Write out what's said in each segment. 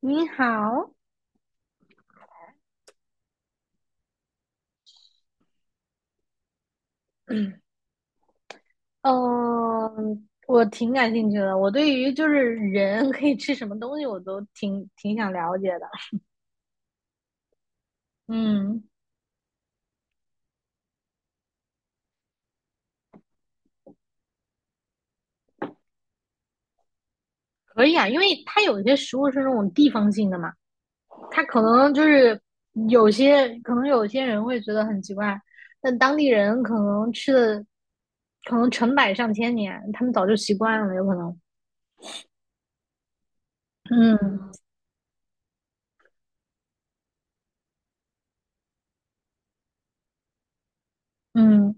你好。嗯，我挺感兴趣的。我对于就是人 可以吃什么东西，我都挺想了解的。嗯，可以啊，因为它有一些食物是那种地方性的嘛，它可能就是有些人会觉得很奇怪，但当地人可能吃的可能成百上千年，他们早就习惯了，有可能。嗯嗯，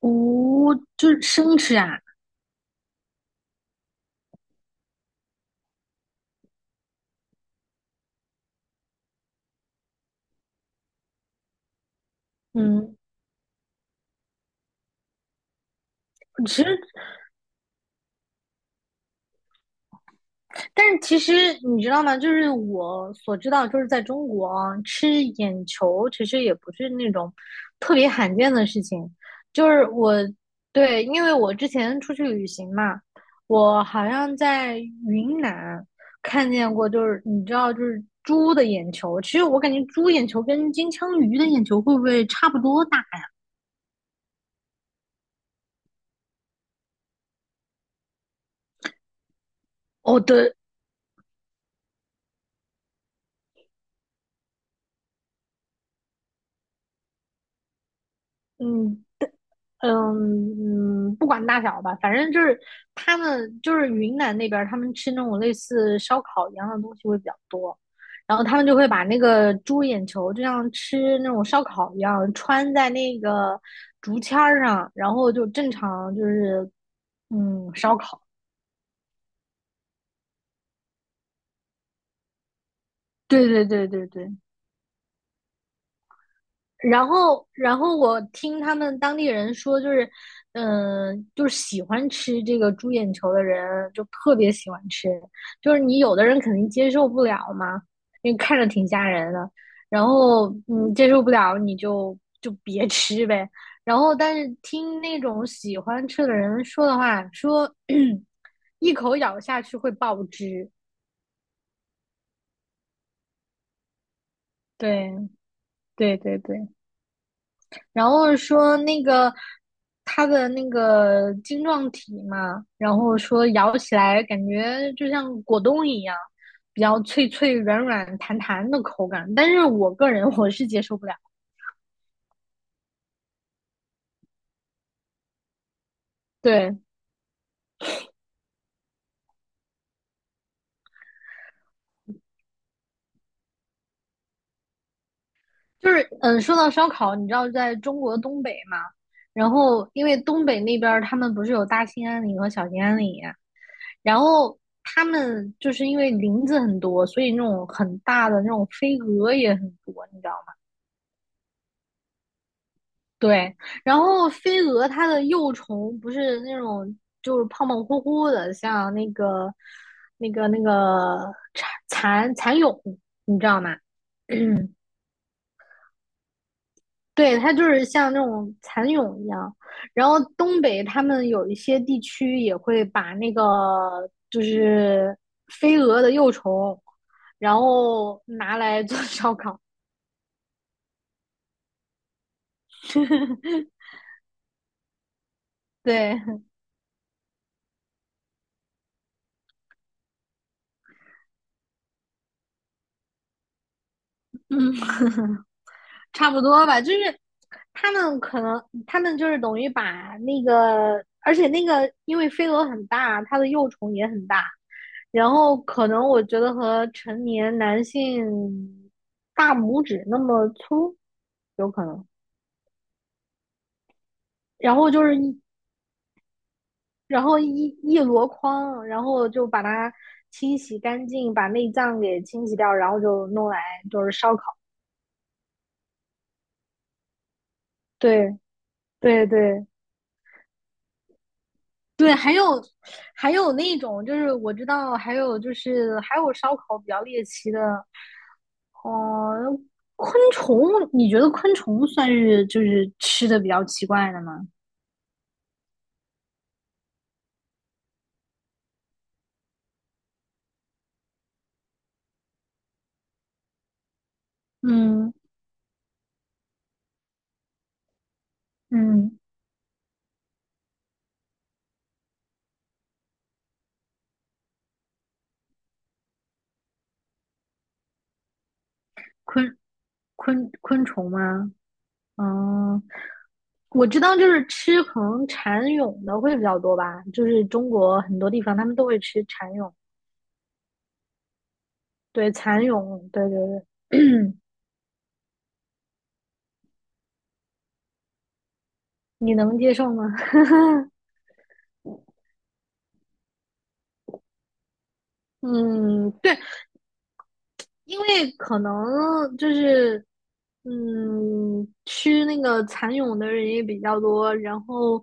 无就是生吃啊。嗯，其实其实你知道吗？就是我所知道，就是在中国啊吃眼球其实也不是那种特别罕见的事情。就是我对，因为我之前出去旅行嘛，我好像在云南看见过，就是你知道，就是猪的眼球。其实我感觉猪眼球跟金枪鱼的眼球会不会差不多大？哦，对，嗯，嗯嗯，不管大小吧，反正就是他们就是云南那边他们吃那种类似烧烤一样的东西会比较多，然后他们就会把那个猪眼球就像吃那种烧烤一样穿在那个竹签儿上，然后就正常就是烧烤。对对对对对，然后，然后我听他们当地人说，就是，就是喜欢吃这个猪眼球的人，就特别喜欢吃。就是你有的人肯定接受不了嘛，因为看着挺吓人的。然后，你接受不了你就别吃呗。然后，但是听那种喜欢吃的人说的话，说 一口咬下去会爆汁。对，对，对，对。然后说那个它的那个晶状体嘛，然后说咬起来感觉就像果冻一样，比较脆脆、软软、弹弹的口感。但是我个人 我是接受不了。对，就是说到烧烤，你知道在中国东北嘛？然后因为东北那边儿他们不是有大兴安岭和小兴安岭，然后他们就是因为林子很多，所以那种很大的那种飞蛾也很多，你知道吗？对，然后飞蛾它的幼虫不是那种就是胖胖乎乎的，像那个蚕蚕蛹，你知道吗？对，它就是像那种蚕蛹一样。然后东北他们有一些地区也会把那个就是飞蛾的幼虫，然后拿来做烧烤。对，嗯。差不多吧，就是他们就是等于把那个，而且那个因为飞蛾很大，它的幼虫也很大，然后可能我觉得和成年男性大拇指那么粗，有可能。然后就是一，然后一箩筐，然后就把它清洗干净，把内脏给清洗掉，然后就弄来就是烧烤。对对对，对，还有那种，就是我知道，还有烧烤比较猎奇的，哦，昆虫，你觉得昆虫算是就是吃的比较奇怪的吗？嗯嗯，昆昆虫吗？嗯，我知道就是吃可能蚕蛹的会比较多吧，就是中国很多地方他们都会吃蚕蛹，对，蚕蛹，对对对。你能接受吗？嗯，对，因为可能就是，嗯，吃那个蚕蛹的人也比较多，然后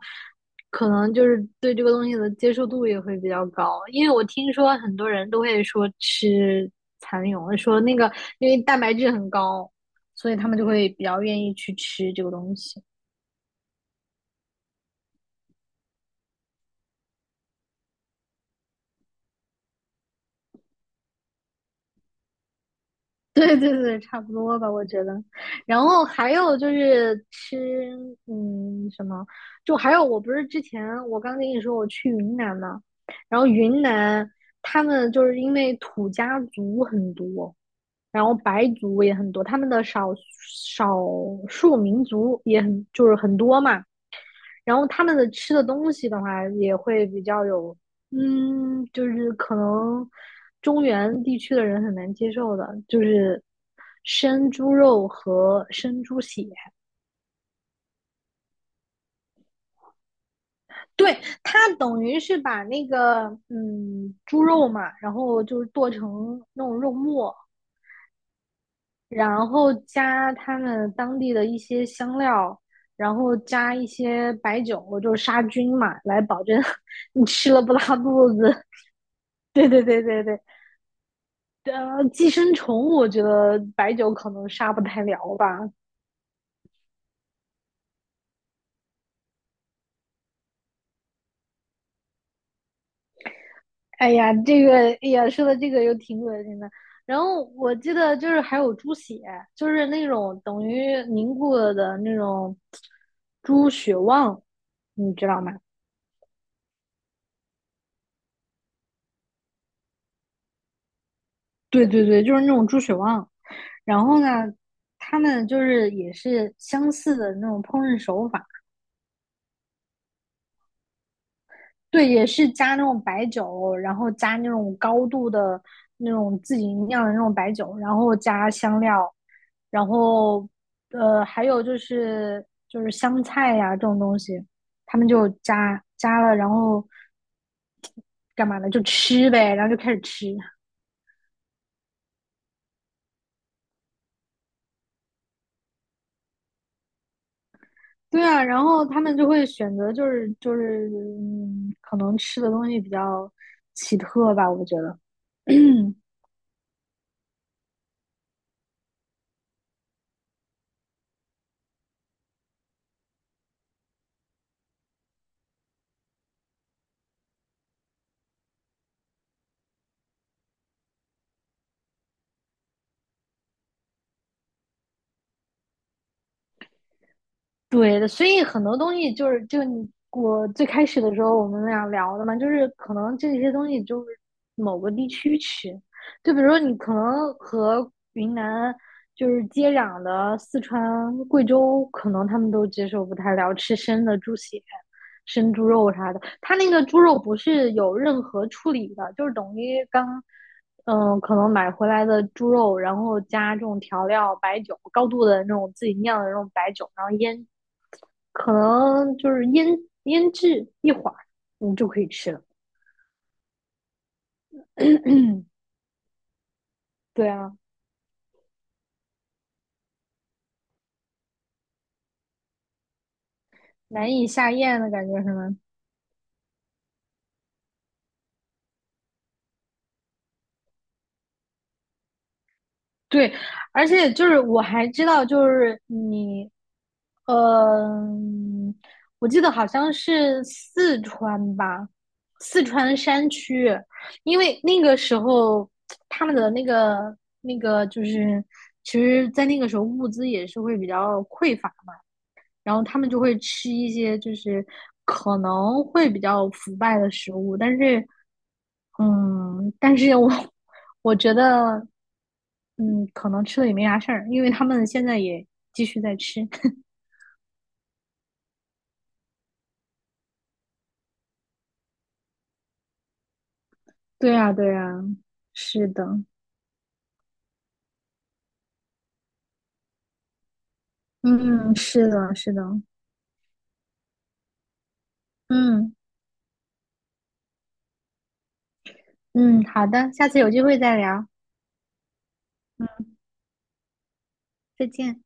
可能就是对这个东西的接受度也会比较高。因为我听说很多人都会说吃蚕蛹，说那个因为蛋白质很高，所以他们就会比较愿意去吃这个东西。对对对，差不多吧，我觉得。然后还有就是吃，嗯，什么？就还有，我不是之前我刚跟你说我去云南嘛，然后云南他们就是因为土家族很多，然后白族也很多，他们的少数民族也很就是很多嘛。然后他们的吃的东西的话，也会比较有，嗯，就是可能中原地区的人很难接受的，就是生猪肉和生猪血。对，它等于是把那个猪肉嘛，然后就是剁成那种肉末，然后加他们当地的一些香料。然后加一些白酒，就是杀菌嘛，来保证 你吃了不拉肚子。对对对对对，呃，寄生虫，我觉得白酒可能杀不太了吧。哎呀，这个，哎呀，说的这个又挺恶心的。然后我记得就是还有猪血，就是那种等于凝固了的那种猪血旺，你知道吗？对对对，就是那种猪血旺。然后呢，他们就是也是相似的那种烹饪手法，对，也是加那种白酒，然后加那种高度的那种自己酿的那种白酒，然后加香料，然后还有就是就是香菜呀、这种东西，他们就加了，然后干嘛呢？就吃呗，然后就开始吃。对啊，然后他们就会选择可能吃的东西比较奇特吧，我觉得。对的，所以很多东西就是你我最开始的时候我们俩聊的嘛，就是可能这些东西就是某个地区吃，就比如说你可能和云南就是接壤的四川、贵州，可能他们都接受不太了吃生的猪血、生猪肉啥的。它那个猪肉不是有任何处理的，就是等于刚可能买回来的猪肉，然后加这种调料、白酒，高度的那种自己酿的那种白酒，然后腌可能就是腌腌制一会儿，你就可以吃了。对啊，难以下咽的感觉是吗？对，而且就是我还知道，就是你，嗯、我记得好像是四川吧，四川山区，因为那个时候他们的那个就是，其实，在那个时候物资也是会比较匮乏，然后他们就会吃一些就是可能会比较腐败的食物，但是嗯，但是我觉得，嗯，可能吃了也没啥事儿，因为他们现在也继续在吃。对呀，对呀，是的，嗯，是的，是的，嗯嗯，好的，下次有机会再聊，再见。